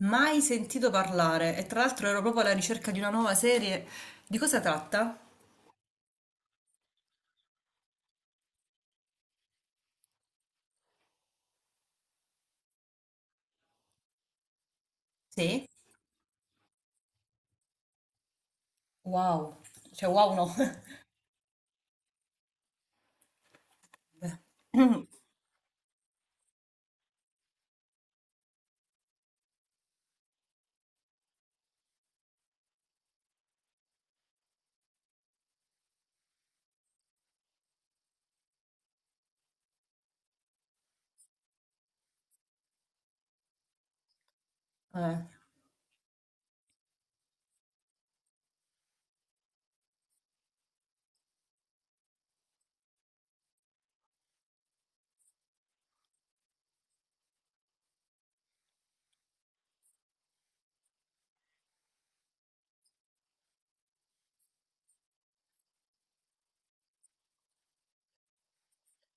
Mai sentito parlare, e tra l'altro ero proprio alla ricerca di una nuova serie. Di cosa tratta? Sì. Wow. Cioè, wow no. Eh,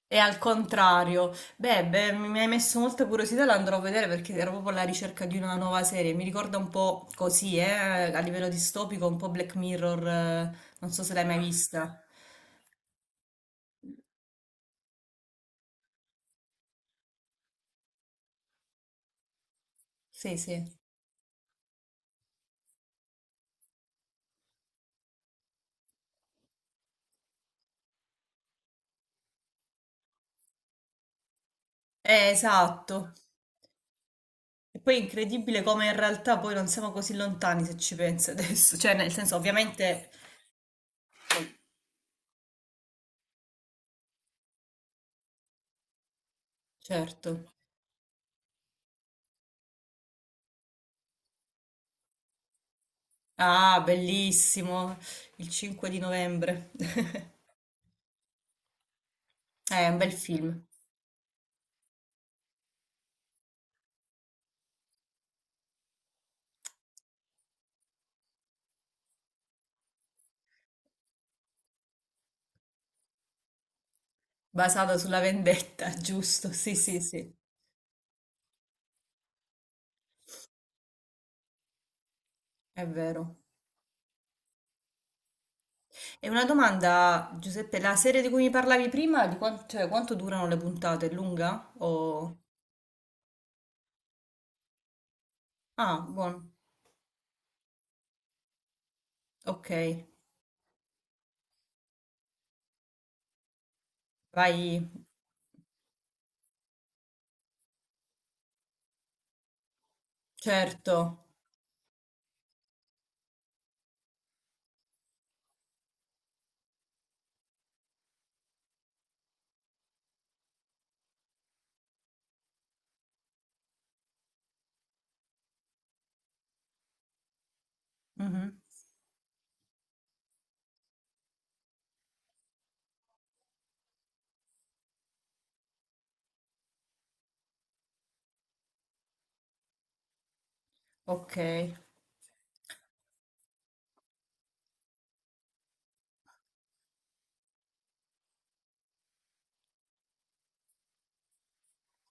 è al contrario. Beh, beh, mi hai messo molta curiosità, la andrò a vedere perché ero proprio alla ricerca di una nuova serie. Mi ricorda un po' così, a livello distopico, un po' Black Mirror, non so se l'hai mai vista. Sì, sì. Esatto. E poi è incredibile come in realtà poi non siamo così lontani se ci pensi adesso. Cioè, nel senso, ovviamente, certo. Ah, bellissimo, il 5 di novembre. È un bel film, basato sulla vendetta, giusto? Sì, sì, sì, è vero. E una domanda, Giuseppe, la serie di cui mi parlavi prima, di cioè, quanto durano le puntate? È lunga? O... Ah, buono, ok, vai, certo. Mhm. Ok,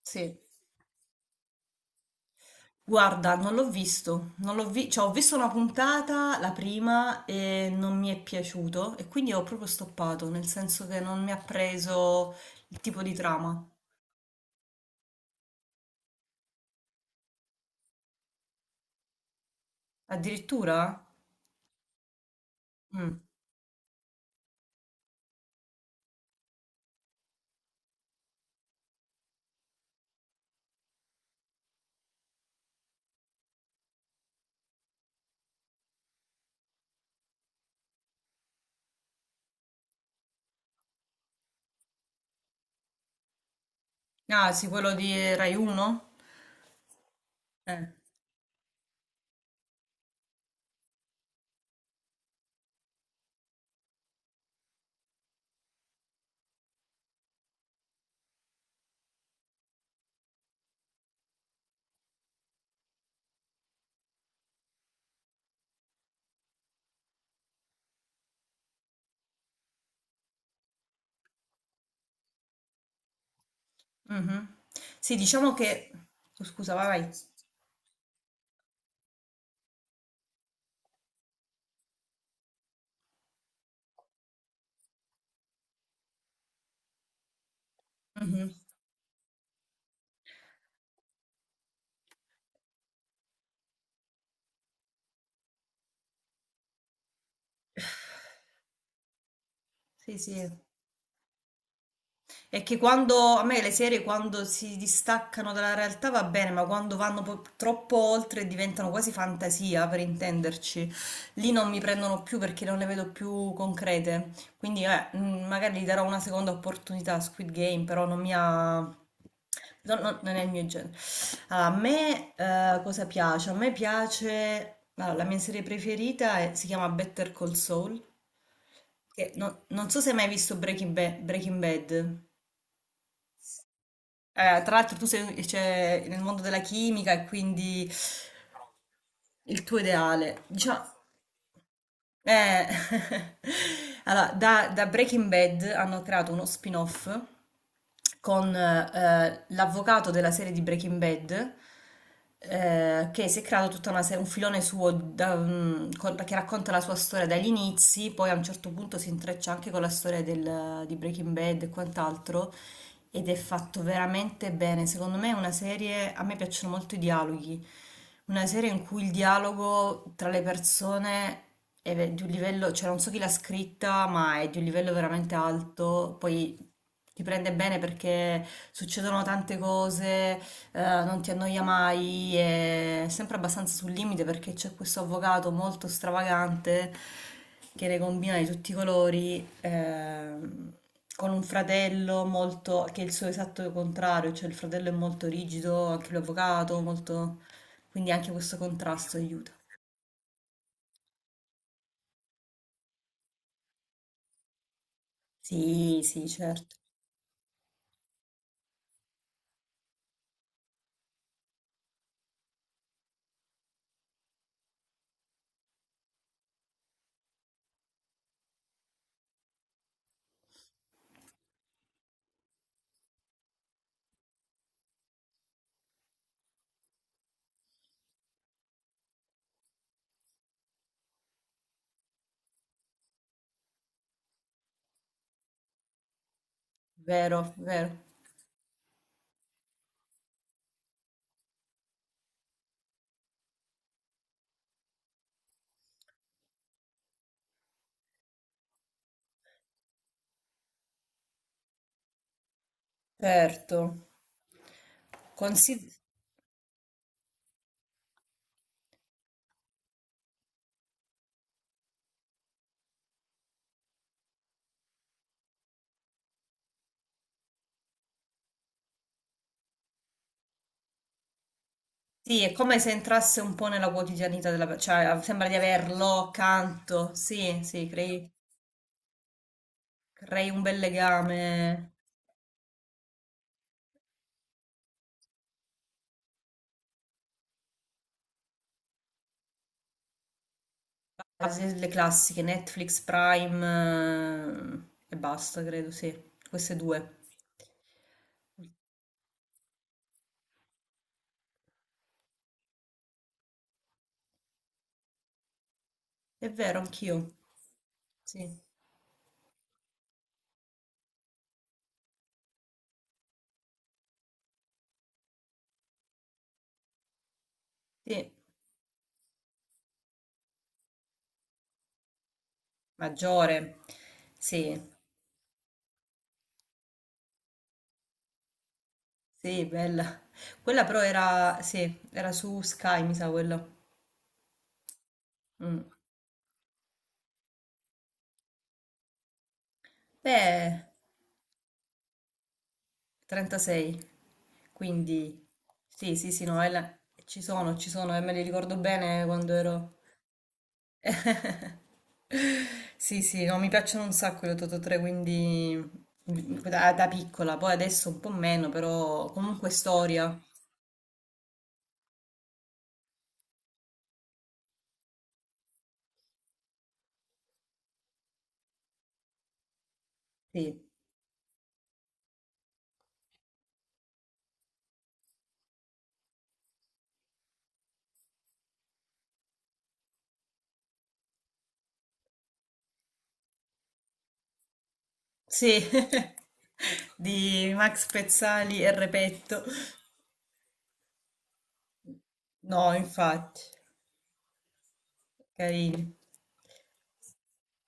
sì. Guarda, non l'ho visto, non l'ho vi- cioè, ho visto una puntata, la prima, e non mi è piaciuto e quindi ho proprio stoppato, nel senso che non mi ha preso il tipo di trama. Addirittura? Mm. Ah, sì, quello di Rai 1? Eh. Mhm. Sì, diciamo che... Oh, scusa, vai, vai. Mhm. Sì, sì. È che quando a me le serie, quando si distaccano dalla realtà va bene, ma quando vanno troppo oltre e diventano quasi fantasia, per intenderci, lì non mi prendono più perché non le vedo più concrete. Quindi magari gli darò una seconda opportunità a Squid Game, però non mi ha... No, no, non è il mio genere. Allora, a me cosa piace? A me piace... Allora, la mia serie preferita è- si chiama Better Call Saul, che non so se hai mai visto Breaking Bad. Tra l'altro tu sei, cioè, nel mondo della chimica, e quindi il tuo ideale, diciamo, eh, allora, da Breaking Bad hanno creato uno spin-off con l'avvocato della serie di Breaking Bad, che si è creato tutta una serie, un filone suo che racconta la sua storia dagli inizi, poi a un certo punto si intreccia anche con la storia di Breaking Bad e quant'altro, ed è fatto veramente bene. Secondo me è una serie, a me piacciono molto i dialoghi. Una serie in cui il dialogo tra le persone è di un livello, cioè non so chi l'ha scritta, ma è di un livello veramente alto. Poi ti prende bene perché succedono tante cose, non ti annoia mai, è sempre abbastanza sul limite perché c'è questo avvocato molto stravagante che ne combina di tutti i colori, con un fratello molto, che è il suo esatto contrario, cioè il fratello è molto rigido, anche lui avvocato, molto, quindi anche questo contrasto aiuta. Sì, sì, certo. Vero, vero. Certo. Consi- sì, è come se entrasse un po' nella quotidianità della persona, cioè ah, sembra di averlo accanto. Sì, sì, crei, crei un bel legame. Ah, sì, le classiche, Netflix, Prime, e basta, credo, sì. Queste due. È vero, anch'io. Sì, sì, maggiore. Sì, sì, bella. Quella però era, sì, era su Sky, mi sa quello. Mm. Beh, 36. Quindi, sì, sì, sì, no, ci sono, e me li ricordo bene quando ero... Sì, sì, no, mi piacciono un sacco le Totò 3, quindi da piccola, poi adesso un po' meno, però comunque storia. Sì, sì, di Max Pezzali e Repetto. No, infatti. Carini.